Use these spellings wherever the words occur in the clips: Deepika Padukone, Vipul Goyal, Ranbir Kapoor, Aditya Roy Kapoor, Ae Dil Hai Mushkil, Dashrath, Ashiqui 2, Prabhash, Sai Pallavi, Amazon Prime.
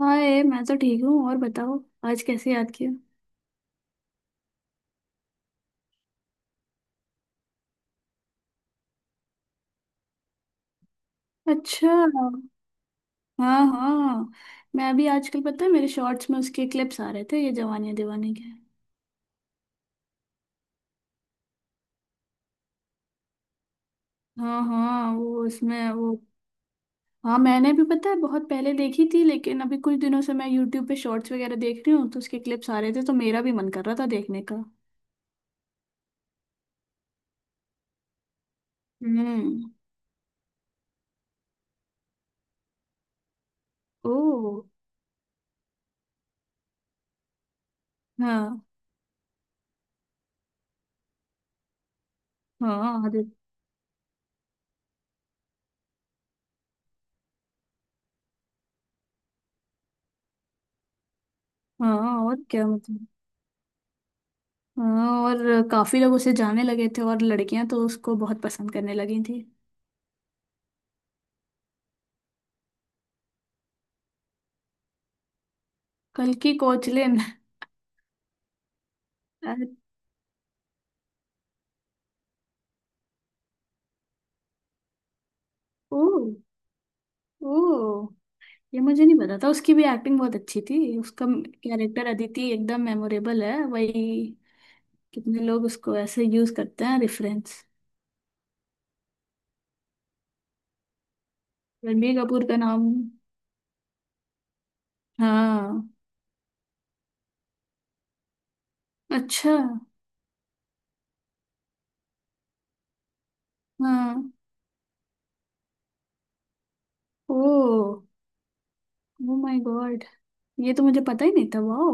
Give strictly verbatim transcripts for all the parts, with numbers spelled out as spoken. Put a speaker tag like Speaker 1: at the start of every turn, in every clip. Speaker 1: हाय, मैं तो ठीक हूँ। और बताओ, आज कैसे याद किया। अच्छा। हाँ हाँ। मैं अभी आजकल, पता है, मेरे शॉर्ट्स में उसके क्लिप्स आ रहे थे, ये जवानी दीवानी के। हाँ हाँ। वो उसमें वो हाँ, मैंने भी, पता है, बहुत पहले देखी थी, लेकिन अभी कुछ दिनों से मैं यूट्यूब पे शॉर्ट्स वगैरह देख रही हूँ तो उसके क्लिप्स आ रहे थे, तो मेरा भी मन कर रहा था देखने का। हम्म। ओ। हाँ हाँ। अरे, हाँ। और क्या मतलब। हाँ, और काफी लोग उसे जाने लगे थे और लड़कियां तो उसको बहुत पसंद करने लगी थी। कल की कोचलिन। ओ। ओ। ये मुझे नहीं पता था। उसकी भी एक्टिंग बहुत अच्छी थी। उसका कैरेक्टर अदिति एकदम मेमोरेबल है, वही। कितने लोग उसको ऐसे यूज करते हैं रेफरेंस। रणबीर कपूर का नाम। हाँ। अच्छा। हाँ। ओ ओ माय गॉड, ये तो मुझे पता ही नहीं था। वाओ।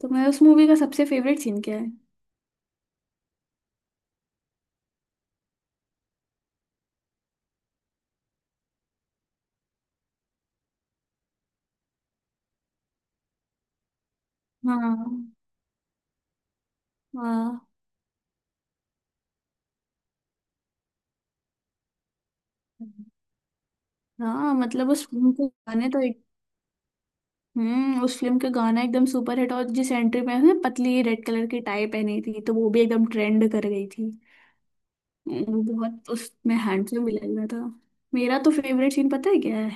Speaker 1: तो मैं, उस मूवी का सबसे फेवरेट सीन क्या है। हाँ हाँ हाँ। मतलब उस, उनके गाने तो। हम्म। उस फिल्म का गाना एकदम सुपर हिट, और जिस एंट्री में उसने पतली रेड कलर की टाई पहनी थी, तो वो भी एकदम ट्रेंड कर गई थी। वो बहुत उसमें हैंडसम भी लग रहा था। मेरा तो फेवरेट सीन, पता है क्या है।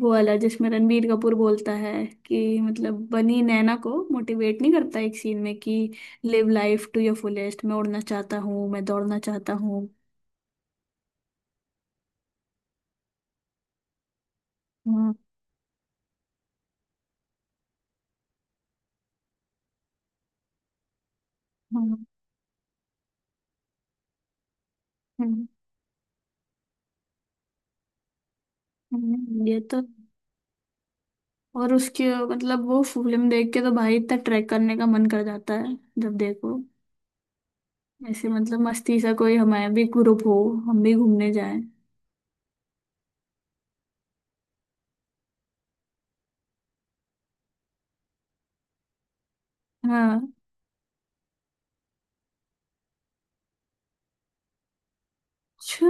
Speaker 1: वो वाला जिसमें रणबीर कपूर बोलता है कि, मतलब, बनी नैना को मोटिवेट नहीं करता एक सीन में कि live life to your fullest. मैं उड़ना चाहता हूँ, मैं दौड़ना चाहता हूँ। हम्म। हम्म। हम्म, हम्म। ये तो, और उसके, मतलब वो फिल्म देख के तो भाई इतना ट्रैक करने का मन कर जाता है जब देखो। ऐसे, मतलब, मस्ती सा कोई हमारा भी ग्रुप हो, हम भी घूमने जाएं। हाँ। अच्छा।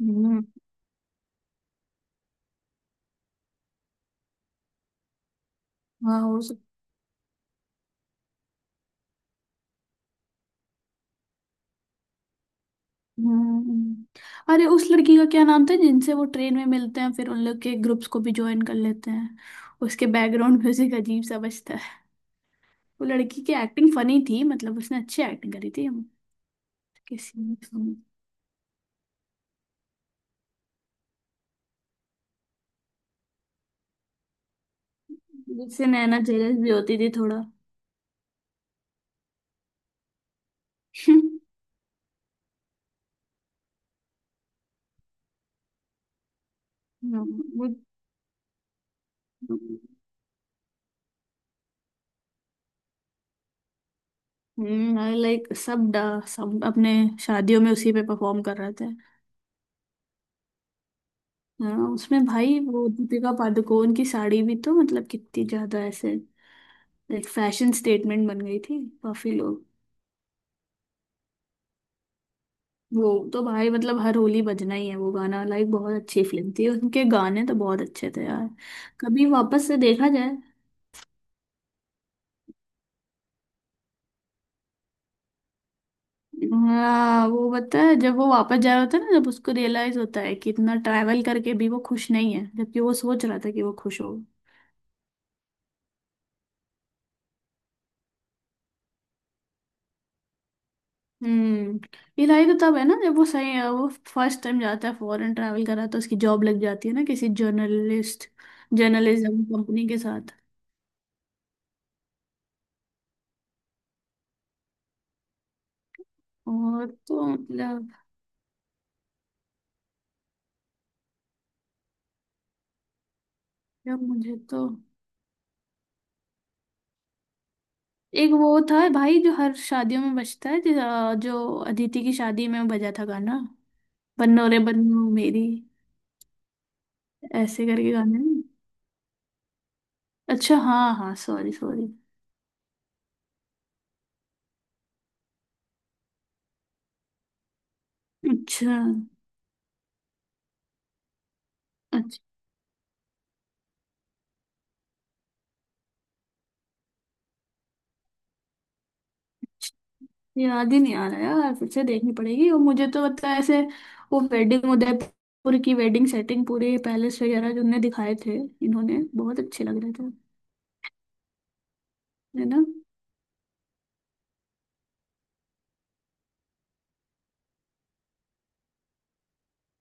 Speaker 1: हम्म। हाँ हो सक हम्म। अरे, उस लड़की का क्या नाम था जिनसे वो ट्रेन में मिलते हैं, फिर उन लोग के ग्रुप्स को भी ज्वाइन कर लेते हैं। उसके बैकग्राउंड म्यूजिक अजीब सा बजता है। वो लड़की की एक्टिंग फनी थी, मतलब उसने अच्छी एक्टिंग करी थी। हम किसी ने सुनी। जिससे नैना जेलस भी होती थी थोड़ा। हम्म। वो, हम्म, लाइक सब डा, सब अपने शादियों में उसी पे परफॉर्म कर रहे थे। हाँ, उसमें भाई वो दीपिका पादुकोण की साड़ी भी तो, मतलब, कितनी ज्यादा ऐसे लाइक फैशन स्टेटमेंट बन गई थी, काफी लोग। वो तो भाई मतलब हर होली बजना ही है वो गाना, लाइक बहुत अच्छी फिल्म थी, उनके गाने तो बहुत अच्छे थे यार। कभी वापस से देखा जाए। हाँ, वो पता है, जब वो वापस जा रहा होता है ना, जब उसको रियलाइज होता है कि इतना ट्रैवल करके भी वो खुश नहीं है, जबकि वो सोच रहा था कि वो खुश हो। हम्म। ये लाई तो तब है ना, जब वो, सही है, वो फर्स्ट टाइम जाता है, फॉरेन ट्रैवल करा, तो उसकी जॉब लग जाती है ना किसी जर्नलिस्ट, जर्नलिज्म कंपनी के साथ। और तो, मतलब, यार मुझे तो, एक वो था भाई जो हर शादियों में बजता है, जो जो अदिति की शादी में बजा था गाना, बन्नो रे बन्नो मेरी, ऐसे करके गाना है ना। अच्छा हाँ हाँ, सॉरी सॉरी। अच्छा। अच्छा। याद ही नहीं आ रहा यार, फिर से देखनी पड़ेगी, और मुझे तो पता है ऐसे, वो वेडिंग, उदयपुर की वेडिंग सेटिंग, पूरे पैलेस वगैरह जो उन्होंने दिखाए थे, इन्होंने बहुत अच्छे लग रहे थे। है ना।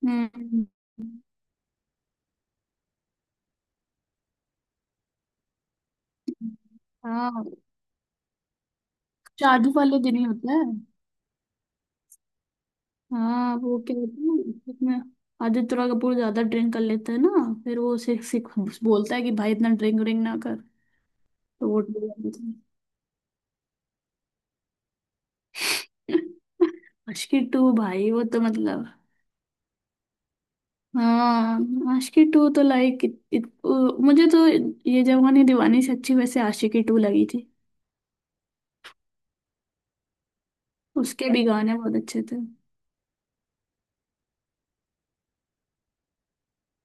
Speaker 1: हम्म। हाँ, शादी वाले दिन ही होता है। हाँ, वो क्या होता है ना, उसमें आदित्य रॉय कपूर ज्यादा ड्रिंक कर लेता है ना, फिर वो सिख सिख बोलता है कि भाई इतना ड्रिंक ड्रिंक ना कर। तो वो मुश्किल टू भाई वो तो मतलब। हाँ, आशिकी टू तो लाइक, मुझे तो ये जवानी दीवानी से अच्छी वैसे आशिकी टू लगी थी। उसके भी गाने बहुत अच्छे थे।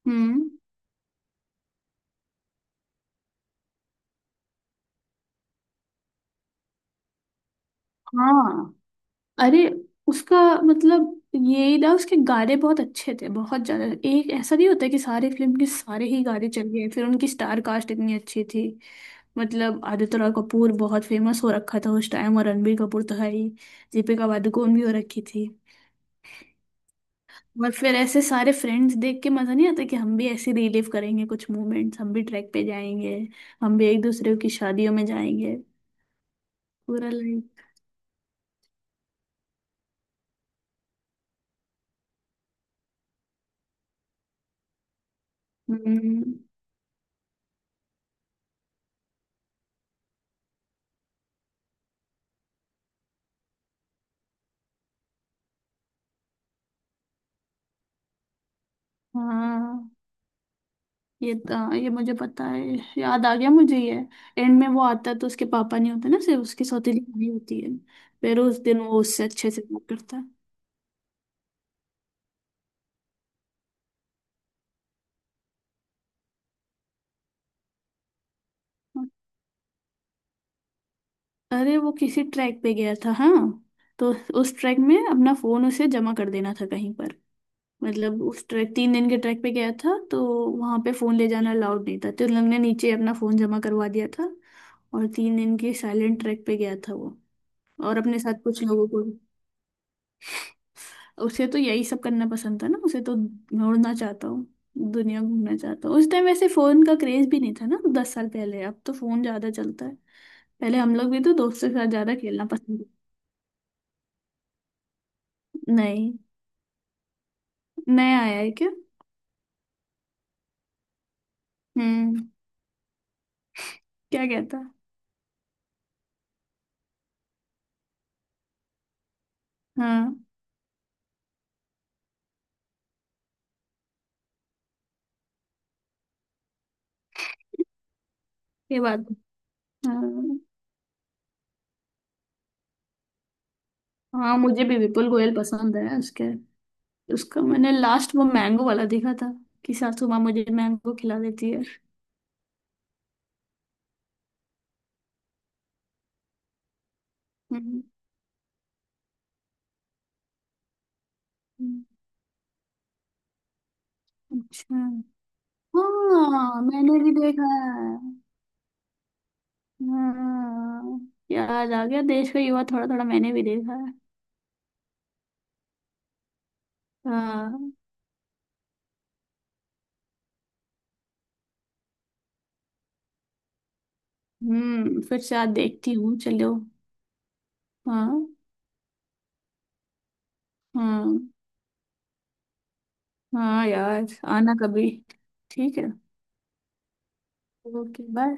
Speaker 1: हम्म। हाँ। अरे, उसका, मतलब यही ना, उसके गाने बहुत अच्छे थे, बहुत ज्यादा, एक ऐसा नहीं होता कि सारी फिल्म के सारे ही गाने चल गए, फिर उनकी स्टार कास्ट इतनी अच्छी थी। मतलब आदित्य रॉय कपूर बहुत फेमस हो रखा था उस टाइम, और रणबीर कपूर तो है ही, दीपिका पादुकोण भी हो रखी थी। और फिर ऐसे सारे फ्रेंड्स देख के मजा नहीं आता, कि हम भी ऐसे रिलीव करेंगे कुछ मोमेंट्स, हम भी ट्रैक पे जाएंगे, हम भी एक दूसरे की शादियों में जाएंगे, पूरा लाइक। हम्म। हाँ, ये तो, ये मुझे पता है, याद आ गया मुझे ये, एंड में वो आता है तो उसके पापा नहीं होते ना, सिर्फ उसकी सौतेली भाभी होती है, फिर उस दिन वो उससे अच्छे से बात करता है। अरे, वो किसी ट्रैक पे गया था हाँ, तो उस ट्रैक में अपना फोन उसे जमा कर देना था कहीं पर, मतलब उस ट्रैक, तीन दिन के ट्रैक पे गया था, तो वहां पे फोन ले जाना अलाउड नहीं था, तो उन लोग ने नीचे अपना फोन जमा करवा दिया था, और तीन दिन के साइलेंट ट्रैक पे गया था वो, और अपने साथ कुछ लोगों को भी। उसे तो यही सब करना पसंद था ना, उसे तो, मैं उड़ना चाहता हूँ, दुनिया घूमना चाहता हूँ। उस टाइम वैसे फोन का क्रेज भी नहीं था ना, दस साल पहले, अब तो फोन ज्यादा चलता है, पहले हम लोग भी तो दोस्तों के साथ ज्यादा खेलना पसंद। नहीं। नया आया है क्या। हम्म। क्या कहता। हाँ ये बात। हाँ। हाँ, मुझे भी विपुल गोयल पसंद है, उसके, उसका मैंने लास्ट वो मैंगो वाला देखा था, कि सासू माँ मुझे मैंगो खिला देती है। हम्म। हम्म। अच्छा, हाँ मैंने भी देखा है। हाँ, याद आ गया, देश का युवा थोड़ा थोड़ा मैंने भी देखा है। हाँ। हम्म, फिर से आज देखती हूँ, चलो। हाँ। हाँ। हाँ यार, आना कभी। ठीक है। Okay, bye.